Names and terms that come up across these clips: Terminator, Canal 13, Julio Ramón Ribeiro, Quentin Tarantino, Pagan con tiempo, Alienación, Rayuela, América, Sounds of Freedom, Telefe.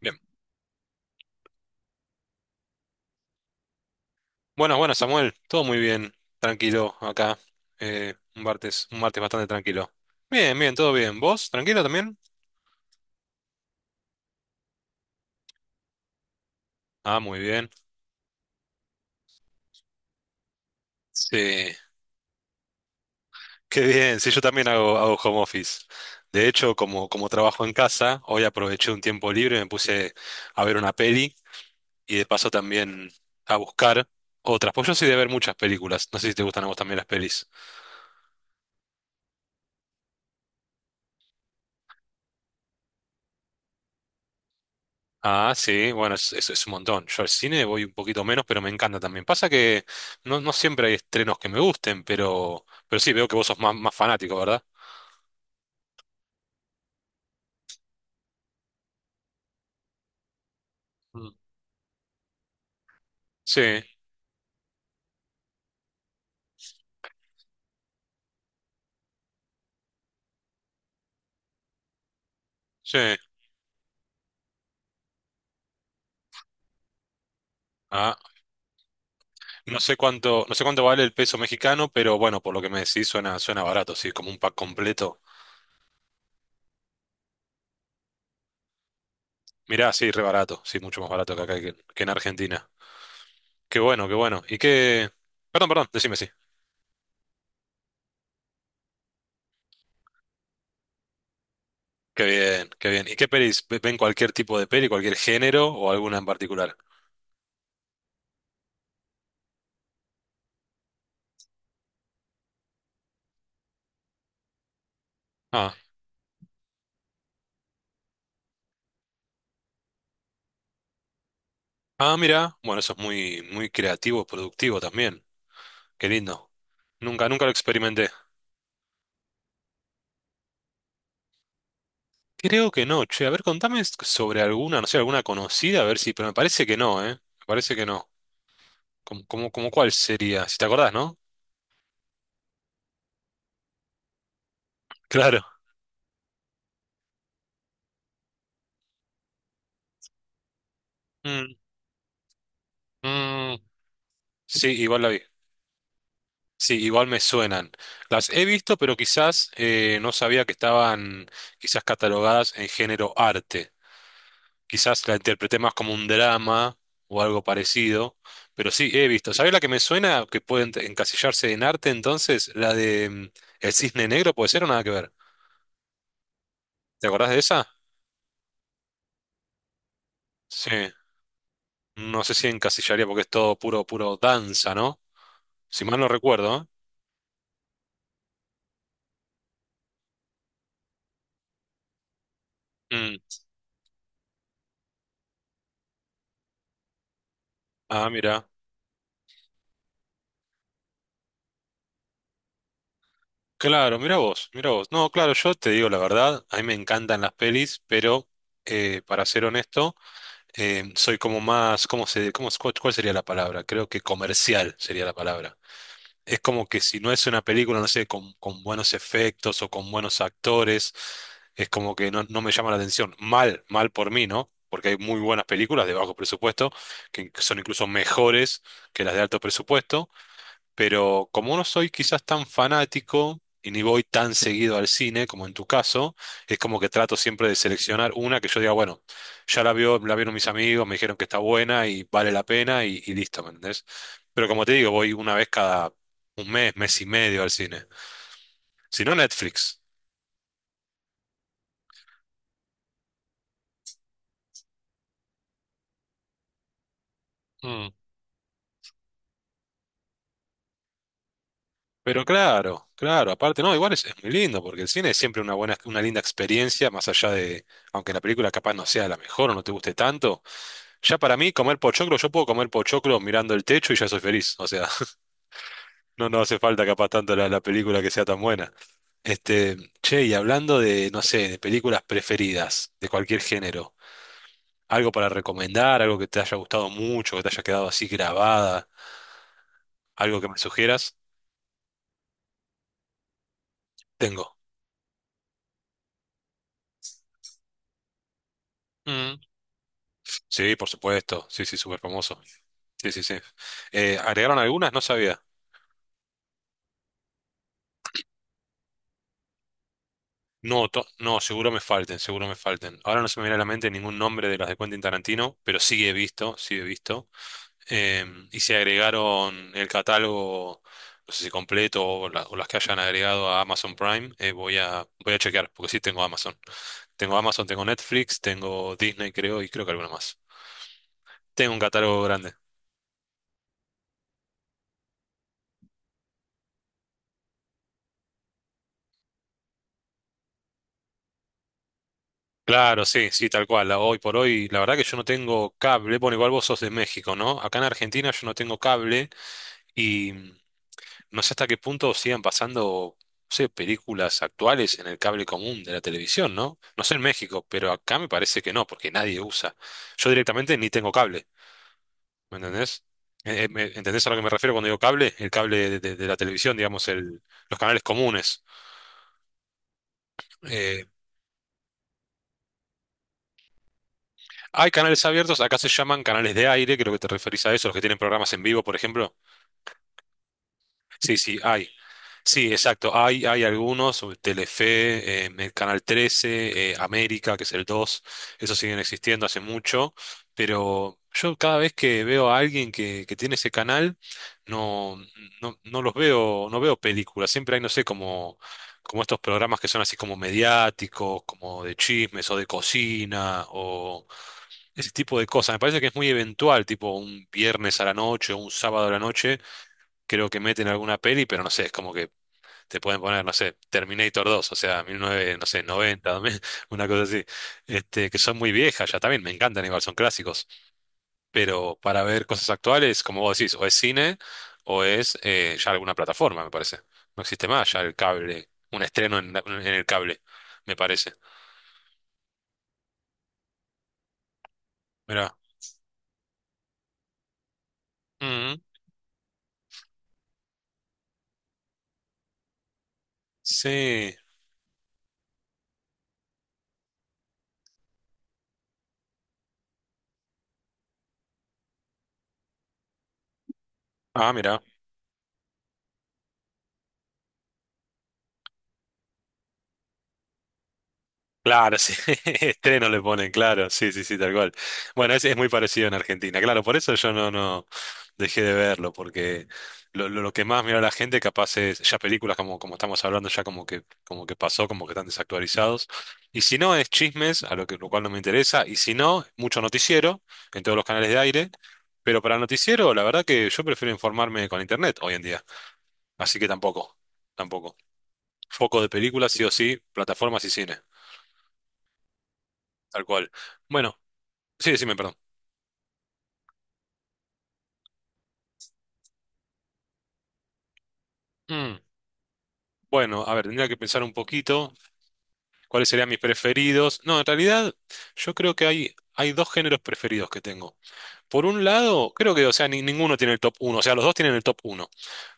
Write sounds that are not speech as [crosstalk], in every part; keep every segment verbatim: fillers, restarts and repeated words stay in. Bien. bueno bueno, Samuel. Todo muy bien. Tranquilo acá. Eh, un martes, un martes bastante tranquilo. Bien, bien, todo bien. ¿Vos? ¿Tranquilo también? Ah, muy bien. Sí, qué bien. Sí, yo también hago, hago home office. De hecho, como, como trabajo en casa, hoy aproveché un tiempo libre, me puse a ver una peli y de paso también a buscar otras. Pues yo soy de ver muchas películas. No sé si te gustan a vos también las pelis. Ah, sí, bueno, es, es- es un montón. Yo al cine voy un poquito menos, pero me encanta también. Pasa que no, no siempre hay estrenos que me gusten, pero, pero sí, veo que vos sos más, más fanático, ¿verdad? Mm. Sí, sí. Ah, no sé cuánto, no sé cuánto vale el peso mexicano, pero bueno, por lo que me decís suena, suena barato, sí, como un pack completo. Mirá, sí, re barato, sí, mucho más barato que acá que, que en Argentina. Qué bueno, qué bueno. ¿Y qué? Perdón, perdón, decime sí. Qué bien, qué bien. ¿Y qué pelis? ¿Ven cualquier tipo de peli, cualquier género o alguna en particular? Ah. Ah, mira, bueno, eso es muy, muy creativo, productivo también. Qué lindo. Nunca, nunca lo experimenté. Creo que no, che. A ver, contame s- sobre alguna, no sé, alguna conocida, a ver si, pero me parece que no, ¿eh? Me parece que no. Como, como, ¿como cuál sería? Si te acordás, ¿no? [laughs] Claro. Mm, mm, sí, igual la vi. Sí, igual me suenan. Las he visto, pero quizás eh, no sabía que estaban quizás catalogadas en género arte. Quizás la interpreté más como un drama o algo parecido, pero sí, he visto. ¿Sabés la que me suena que puede ent- encasillarse en arte entonces? La de mm, El Cisne Negro, puede ser o nada que ver. ¿Te acordás de esa? Sí, no sé si encasillaría porque es todo puro, puro danza, ¿no? Si mal no recuerdo, ¿eh? Mm. Ah, mira. Claro, mira vos, mira vos. No, claro, yo te digo la verdad, a mí me encantan las pelis, pero eh, para ser honesto, eh, soy como más, ¿cómo se, cómo, cuál, cuál sería la palabra? Creo que comercial sería la palabra. Es como que si no es una película, no sé, con, con buenos efectos o con buenos actores, es como que no, no me llama la atención. Mal, mal por mí, ¿no? Porque hay muy buenas películas de bajo presupuesto, que son incluso mejores que las de alto presupuesto, pero como no soy quizás tan fanático y ni voy tan seguido al cine como en tu caso, es como que trato siempre de seleccionar una que yo diga, bueno, ya la vio, la vieron mis amigos, me dijeron que está buena y vale la pena y, y listo, ¿me entendés? Pero como te digo, voy una vez cada un mes, mes y medio al cine. Si no, Netflix. Mm. Pero claro, claro, aparte, no, igual es, es muy lindo, porque el cine es siempre una buena, una linda experiencia, más allá de, aunque la película capaz no sea la mejor o no te guste tanto. Ya para mí, comer pochoclo, yo puedo comer pochoclo mirando el techo y ya soy feliz. O sea, [laughs] no, no hace falta capaz tanto la, la película que sea tan buena. Este, che, y hablando de, no sé, de películas preferidas, de cualquier género, algo para recomendar, algo que te haya gustado mucho, que te haya quedado así grabada, algo que me sugieras, tengo. Mm. Sí, por supuesto, sí, sí, súper famoso. Sí, sí, sí. Eh, ¿agregaron algunas? No sabía. No, to- no, seguro me falten, seguro me falten. Ahora no se me viene a la mente ningún nombre de las de Quentin Tarantino, pero sí he visto, sí he visto. Eh, y se agregaron el catálogo, no sé si completo o, la- o las que hayan agregado a Amazon Prime, eh, voy a, voy a chequear, porque sí tengo Amazon. Tengo Amazon, tengo Netflix, tengo Disney, creo, y creo que alguna más. Tengo un catálogo grande. Claro, sí, sí, tal cual. la- Hoy por hoy, la verdad que yo no tengo cable. Bueno, igual vos sos de México, ¿no? Acá en Argentina yo no tengo cable. No sé hasta qué punto sigan pasando, no sé, películas actuales en el cable común de la televisión, ¿no? No sé en México, pero acá me parece que no, porque nadie usa. Yo directamente ni tengo cable, ¿me entendés? Eh, eh, me- ¿Entendés a lo que me refiero cuando digo cable? El cable de, de- de la televisión, digamos, el, los canales comunes. Eh, Hay canales abiertos, acá se llaman canales de aire, creo que te referís a eso, los que tienen programas en vivo, por ejemplo. Sí, sí, hay. Sí, exacto. Hay, hay algunos, sobre Telefe, eh, el Canal trece, eh, América, que es el dos, esos siguen existiendo hace mucho, pero yo cada vez que veo a alguien que, que tiene ese canal, no, no, no los veo, no veo películas. Siempre hay, no sé, como, como estos programas que son así como mediáticos, como de chismes o de cocina o ese tipo de cosas. Me parece que es muy eventual, tipo un viernes a la noche o un sábado a la noche creo que meten alguna peli, pero no sé, es como que te pueden poner, no sé, Terminator dos o sea, diecinueve, no sé, noventa, [laughs] una cosa así, este, que son muy viejas ya también, me encantan igual, son clásicos, pero para ver cosas actuales, como vos decís, o es cine o es eh, ya alguna plataforma, me parece. No existe más ya el cable, un estreno en, la- en el cable, me parece. Mira, sí. Ah, mira. Claro, sí, [laughs] estreno le ponen, claro, sí, sí, sí, tal cual. Bueno, es, es muy parecido en Argentina, claro, por eso yo no, no dejé de verlo, porque lo, lo, lo que más mira la gente capaz es ya películas como, como estamos hablando, ya como que, como que pasó, como que están desactualizados. Y si no, es chismes, a lo que, lo cual no me interesa, y si no, mucho noticiero en todos los canales de aire, pero para el noticiero, la verdad que yo prefiero informarme con internet hoy en día, así que tampoco, tampoco. Foco de películas, sí o sí, plataformas y cine, tal cual. Bueno. Sí, decime, perdón. Mm, bueno, a ver, tendría que pensar un poquito cuáles serían mis preferidos. No, en realidad yo creo que hay, hay dos géneros preferidos que tengo. Por un lado, creo que, o sea, ni- ninguno tiene el top uno. O sea, los dos tienen el top uno,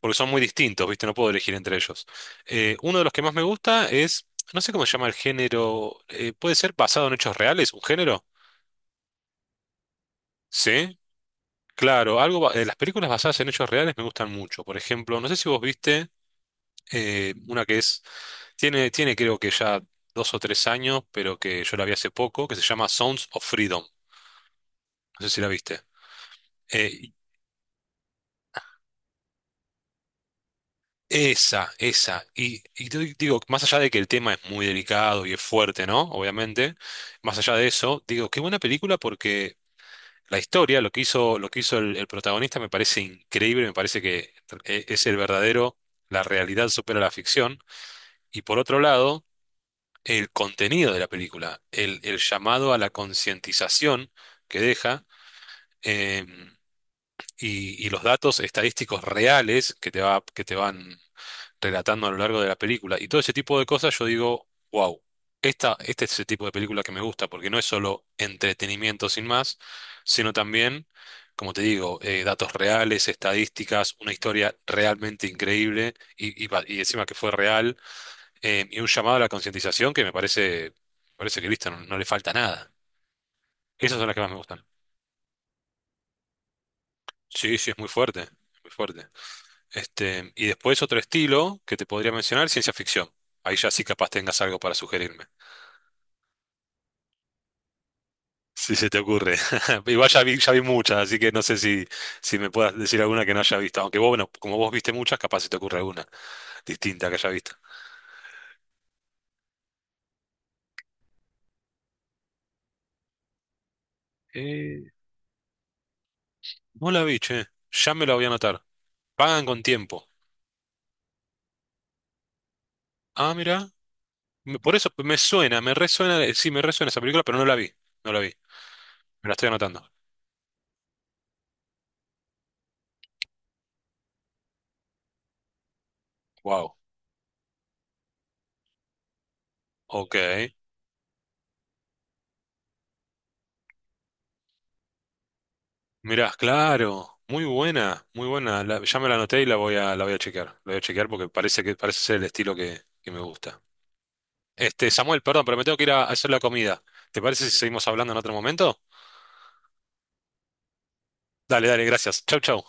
porque son muy distintos, ¿viste? No puedo elegir entre ellos. Eh, uno de los que más me gusta es, no sé cómo se llama el género, eh, puede ser basado en hechos reales, un género. Sí, claro, algo, ba- eh, las películas basadas en hechos reales me gustan mucho. Por ejemplo, no sé si vos viste... eh, una que es, tiene, tiene creo que ya dos o tres años, pero que yo la vi hace poco, que se llama Sounds of Freedom. No sé si la viste. Eh, esa, esa. Y, y te digo, más allá de que el tema es muy delicado y es fuerte, ¿no? Obviamente, más allá de eso, digo, qué buena película porque la historia, lo que hizo, lo que hizo el, el protagonista me parece increíble, me parece que eh, es el verdadero, la realidad supera la ficción. Y por otro lado, el contenido de la película, el, el llamado a la concientización que deja eh, y, y los datos estadísticos reales que te va, que te van relatando a lo largo de la película y todo ese tipo de cosas, yo digo, wow, esta, este es el tipo de película que me gusta porque no es solo entretenimiento sin más, sino también, como te digo, eh, datos reales, estadísticas, una historia realmente increíble y, y va- y encima que fue real eh, y un llamado a la concientización que me parece, parece que listo, no, no le falta nada. Esas son las que más me gustan. Sí, sí, es muy fuerte, es muy fuerte. Este, y después otro estilo que te podría mencionar, ciencia ficción. Ahí ya sí capaz tengas algo para sugerirme. Si se te ocurre. [laughs] Igual ya vi, ya vi muchas, así que no sé si, si me puedas decir alguna que no haya visto. Aunque vos, bueno, como vos viste muchas, capaz se te ocurre alguna distinta que haya visto. Eh, no la vi, che. Ya me la voy a anotar. Pagan con tiempo. Ah, mira. Me- Por eso me suena, me resuena, eh, sí, me resuena esa película, pero no la vi, no la vi. Me la estoy anotando. Wow. Ok. Mirá, claro. Muy buena, muy buena. La- ya me la anoté y la voy a, la voy a chequear. La voy a chequear porque parece que parece ser el estilo que, que me gusta. Este, Samuel, perdón, pero me tengo que ir a hacer la comida. ¿Te parece si seguimos hablando en otro momento? Dale, dale, gracias. Chau, chau.